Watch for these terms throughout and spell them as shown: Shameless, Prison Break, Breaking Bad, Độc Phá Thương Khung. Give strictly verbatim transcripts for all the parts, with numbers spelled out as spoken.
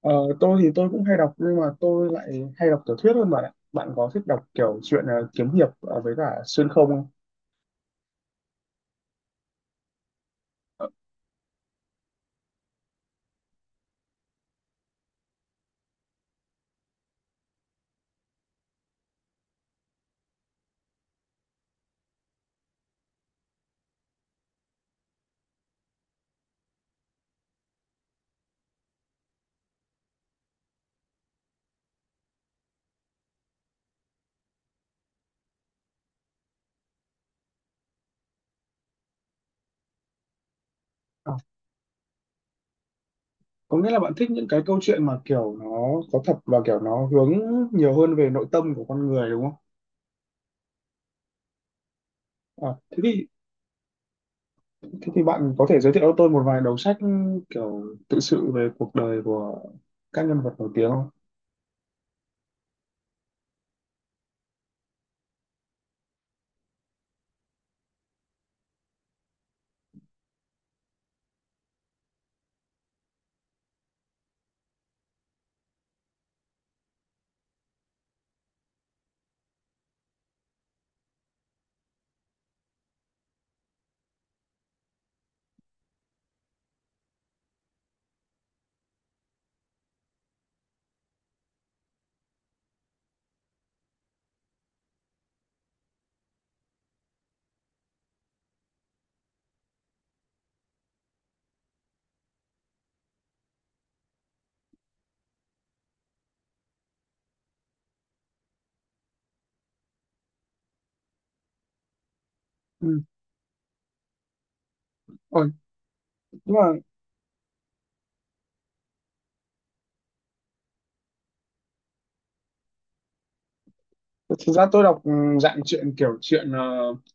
Ờ, tôi thì tôi cũng hay đọc nhưng mà tôi lại hay đọc tiểu thuyết hơn bạn ạ. Bạn có thích đọc kiểu chuyện ờ, kiếm hiệp ờ, với cả xuyên không không? Ờ, à, có nghĩa là bạn thích những cái câu chuyện mà kiểu nó có thật và kiểu nó hướng nhiều hơn về nội tâm của con người đúng không? Ờ, thế thì thế thì bạn có thể giới thiệu cho tôi một vài đầu sách kiểu tự sự về cuộc đời của các nhân vật nổi tiếng không? Ừ. Ôi, nhưng mà thực ra tôi đọc ừ, dạng chuyện kiểu chuyện ờ,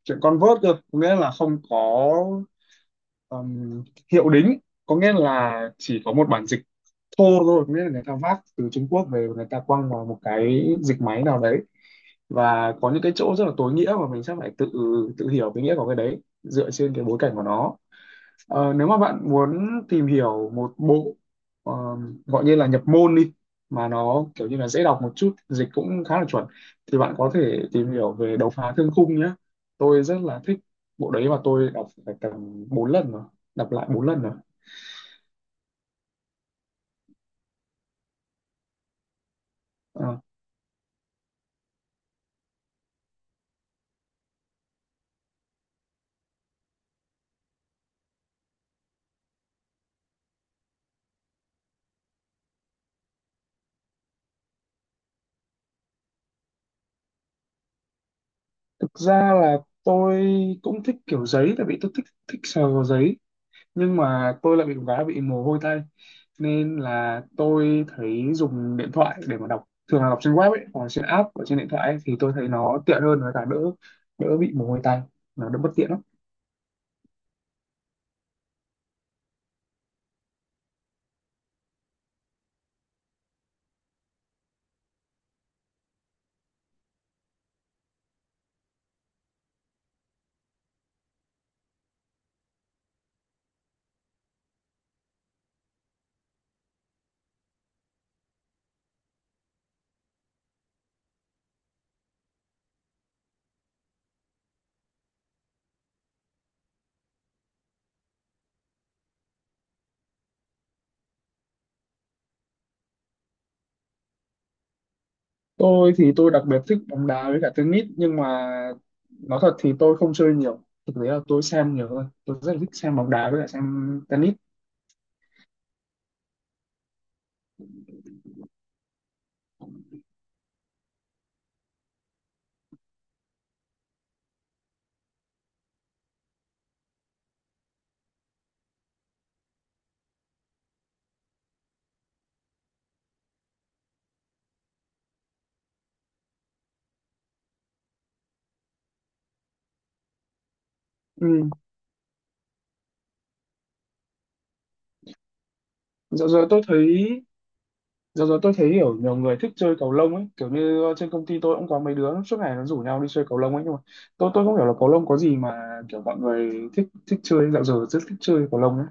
chuyện con vớt cơ, có nghĩa là không có Ừm, hiệu đính, có nghĩa là chỉ có một bản dịch thô thôi, có nghĩa là người ta vác từ Trung Quốc về, người ta quăng vào một cái dịch máy nào đấy và có những cái chỗ rất là tối nghĩa mà mình sẽ phải tự tự hiểu cái nghĩa của cái đấy dựa trên cái bối cảnh của nó. Ờ, nếu mà bạn muốn tìm hiểu một bộ ờ, gọi như là nhập môn đi, mà nó kiểu như là dễ đọc một chút, dịch cũng khá là chuẩn, thì bạn có thể tìm hiểu về Độc Phá Thương Khung nhé. Tôi rất là thích bộ đấy và tôi đọc phải tầm bốn lần rồi, đọc lại bốn lần rồi. Ờ, thực ra là tôi cũng thích kiểu giấy tại vì tôi thích thích sờ vào giấy nhưng mà tôi lại bị một cái là bị mồ hôi tay, nên là tôi thấy dùng điện thoại để mà đọc, thường là đọc trên web ấy hoặc là trên app ở trên điện thoại ấy, thì tôi thấy nó tiện hơn với cả đỡ đỡ bị mồ hôi tay, nó đỡ bất tiện lắm. Tôi thì tôi đặc biệt thích bóng đá với cả tennis nhưng mà nói thật thì tôi không chơi nhiều, thực tế là tôi xem nhiều hơn, tôi rất là thích xem bóng đá với cả xem tennis. Ừ. Dạo giờ tôi thấy Giờ rồi tôi thấy hiểu nhiều người thích chơi cầu lông ấy, kiểu như ờ, trên công ty tôi cũng có mấy đứa suốt ngày nó rủ nhau đi chơi cầu lông ấy, nhưng mà tôi tôi không hiểu là cầu lông có gì mà kiểu mọi người thích thích chơi, dạo giờ rất thích chơi cầu lông ấy.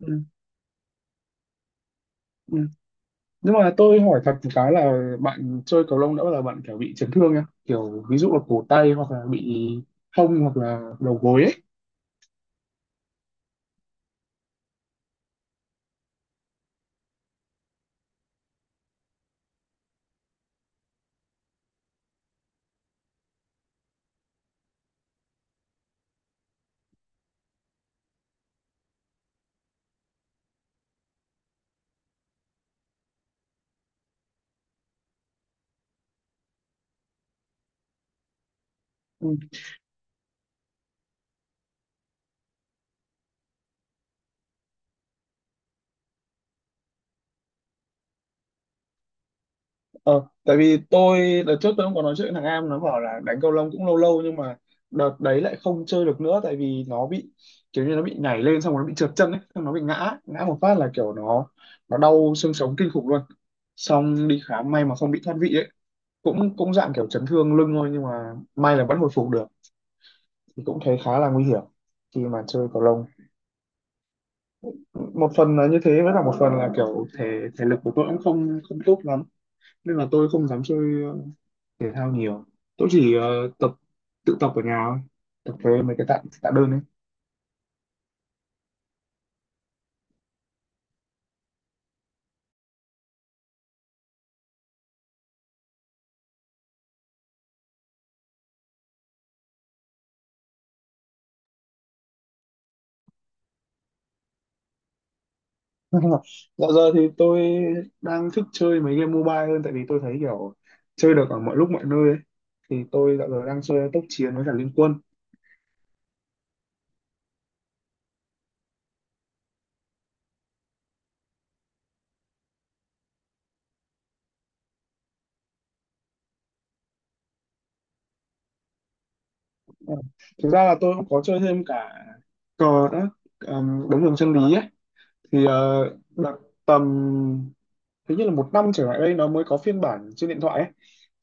Ừ, ừ. Nhưng mà tôi hỏi thật một cái là bạn chơi cầu lông đã bao giờ bạn kiểu bị chấn thương nhá, kiểu ví dụ là cổ tay hoặc là bị hông hoặc là đầu gối ấy. Ờ, tại vì tôi đợt trước tôi cũng có nói chuyện với thằng Am, nó bảo là đánh cầu lông cũng lâu lâu nhưng mà đợt đấy lại không chơi được nữa tại vì nó bị kiểu như nó bị nhảy lên xong rồi nó bị trượt chân ấy, xong nó bị ngã, ngã một phát là kiểu nó nó đau xương sống kinh khủng luôn. Xong đi khám may mà không bị thoát vị ấy, cũng cũng dạng kiểu chấn thương lưng thôi nhưng mà may là vẫn hồi phục được, thì cũng thấy khá là nguy hiểm khi mà chơi cầu lông. Một phần là như thế với cả một phần là kiểu thể thể lực của tôi cũng không không tốt lắm, nên là tôi không dám chơi thể thao nhiều, tôi chỉ ờ, tập tự tập ở nhà thôi, tập với mấy cái tạ tạ đơn ấy. Dạo giờ thì tôi đang thích chơi mấy game mobile hơn tại vì tôi thấy kiểu chơi được ở mọi lúc mọi nơi ấy. Thì tôi dạo giờ đang chơi tốc chiến với cả liên quân. Ờ, thực ra là tôi cũng có chơi thêm cả cờ nữa, um, đấu trường chân lý ấy, thì ờ, là tầm hình như là một năm trở lại đây nó mới có phiên bản trên điện thoại ấy,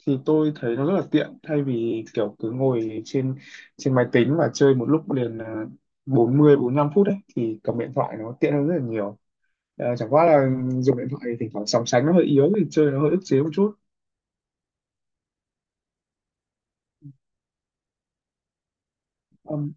thì tôi thấy nó rất là tiện thay vì kiểu cứ ngồi trên trên máy tính và chơi một lúc liền à, 40 lăm phút đấy thì cầm điện thoại nó tiện hơn rất là nhiều. À, chẳng qua là dùng điện thoại thì thỉnh thoảng sóng sánh nó hơi yếu thì chơi nó hơi ức chế một chút. Còn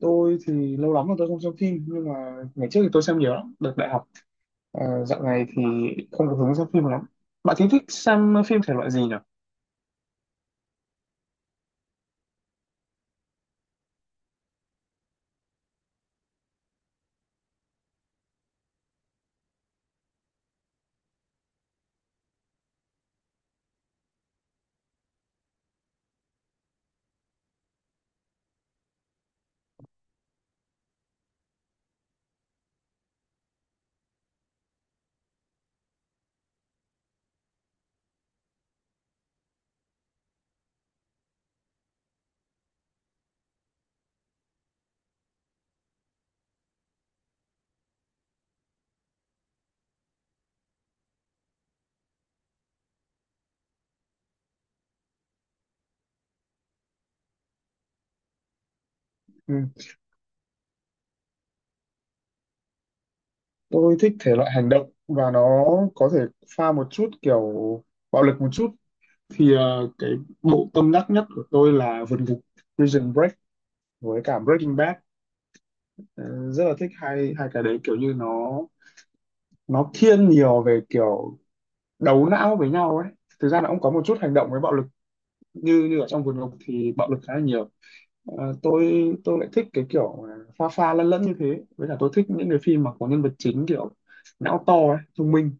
tôi thì lâu lắm rồi tôi không xem phim nhưng mà ngày trước thì tôi xem nhiều lắm đợt đại học. À, dạo này thì không có hứng xem phim lắm. Bạn thì thích xem phim thể loại gì nhỉ? Ừ. Tôi thích thể loại hành động và nó có thể pha một chút kiểu bạo lực một chút, thì ờ, cái bộ tâm đắc nhất của tôi là vượt ngục, Prison Break, với cả Breaking Bad. Ờ, rất là thích hai hai cái đấy, kiểu như nó nó thiên nhiều về kiểu đấu não với nhau ấy, thực ra nó cũng có một chút hành động với bạo lực, như như ở trong vườn ngục thì bạo lực khá là nhiều. Ờ, tôi tôi lại thích cái kiểu mà pha pha lẫn lẫn như thế, với cả tôi thích những cái phim mà có nhân vật chính kiểu não to ấy, thông minh.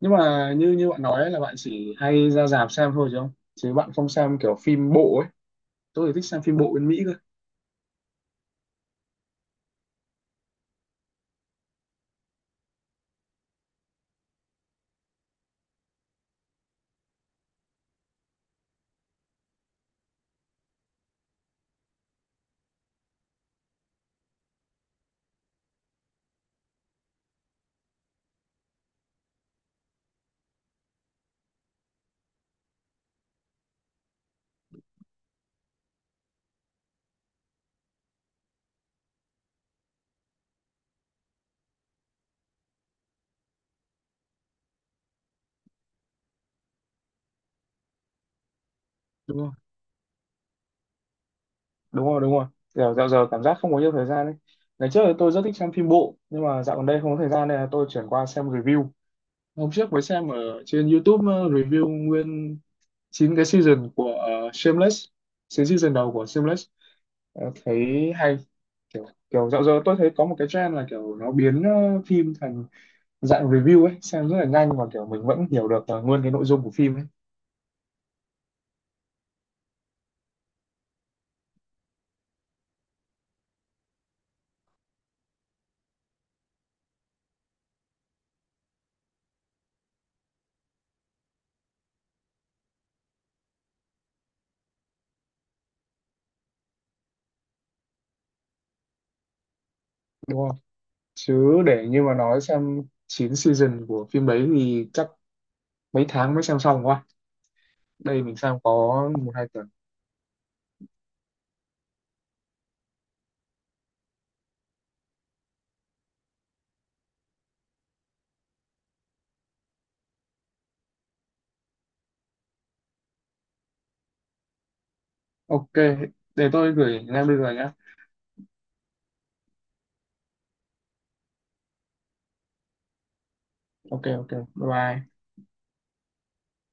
Nhưng mà như như bạn nói ấy, là bạn chỉ hay ra rạp xem thôi, chứ không, chứ bạn không xem kiểu phim bộ ấy, tôi thì thích xem phim bộ bên Mỹ cơ. Đúng rồi, đúng rồi, đúng rồi. Dạo dạo giờ cảm giác không có nhiều thời gian đấy, ngày trước thì tôi rất thích xem phim bộ nhưng mà dạo gần đây không có thời gian, nên là tôi chuyển qua xem review. Hôm trước mới xem ở trên YouTube ờ, review nguyên chín cái season của ờ, Shameless, chín season đầu của Shameless. Ờ, thấy hay, kiểu kiểu dạo giờ tôi thấy có một cái trend là kiểu nó biến ờ, phim thành dạng review ấy, xem rất là nhanh và kiểu mình vẫn hiểu được ờ, nguyên cái nội dung của phim ấy. Đúng không, chứ để như mà nói xem chín season của phim đấy thì chắc mấy tháng mới xem xong quá, đây mình xem có một hai tuần. Ok, để tôi gửi ngay bây giờ nhá. Ok, ok, bye. Bye.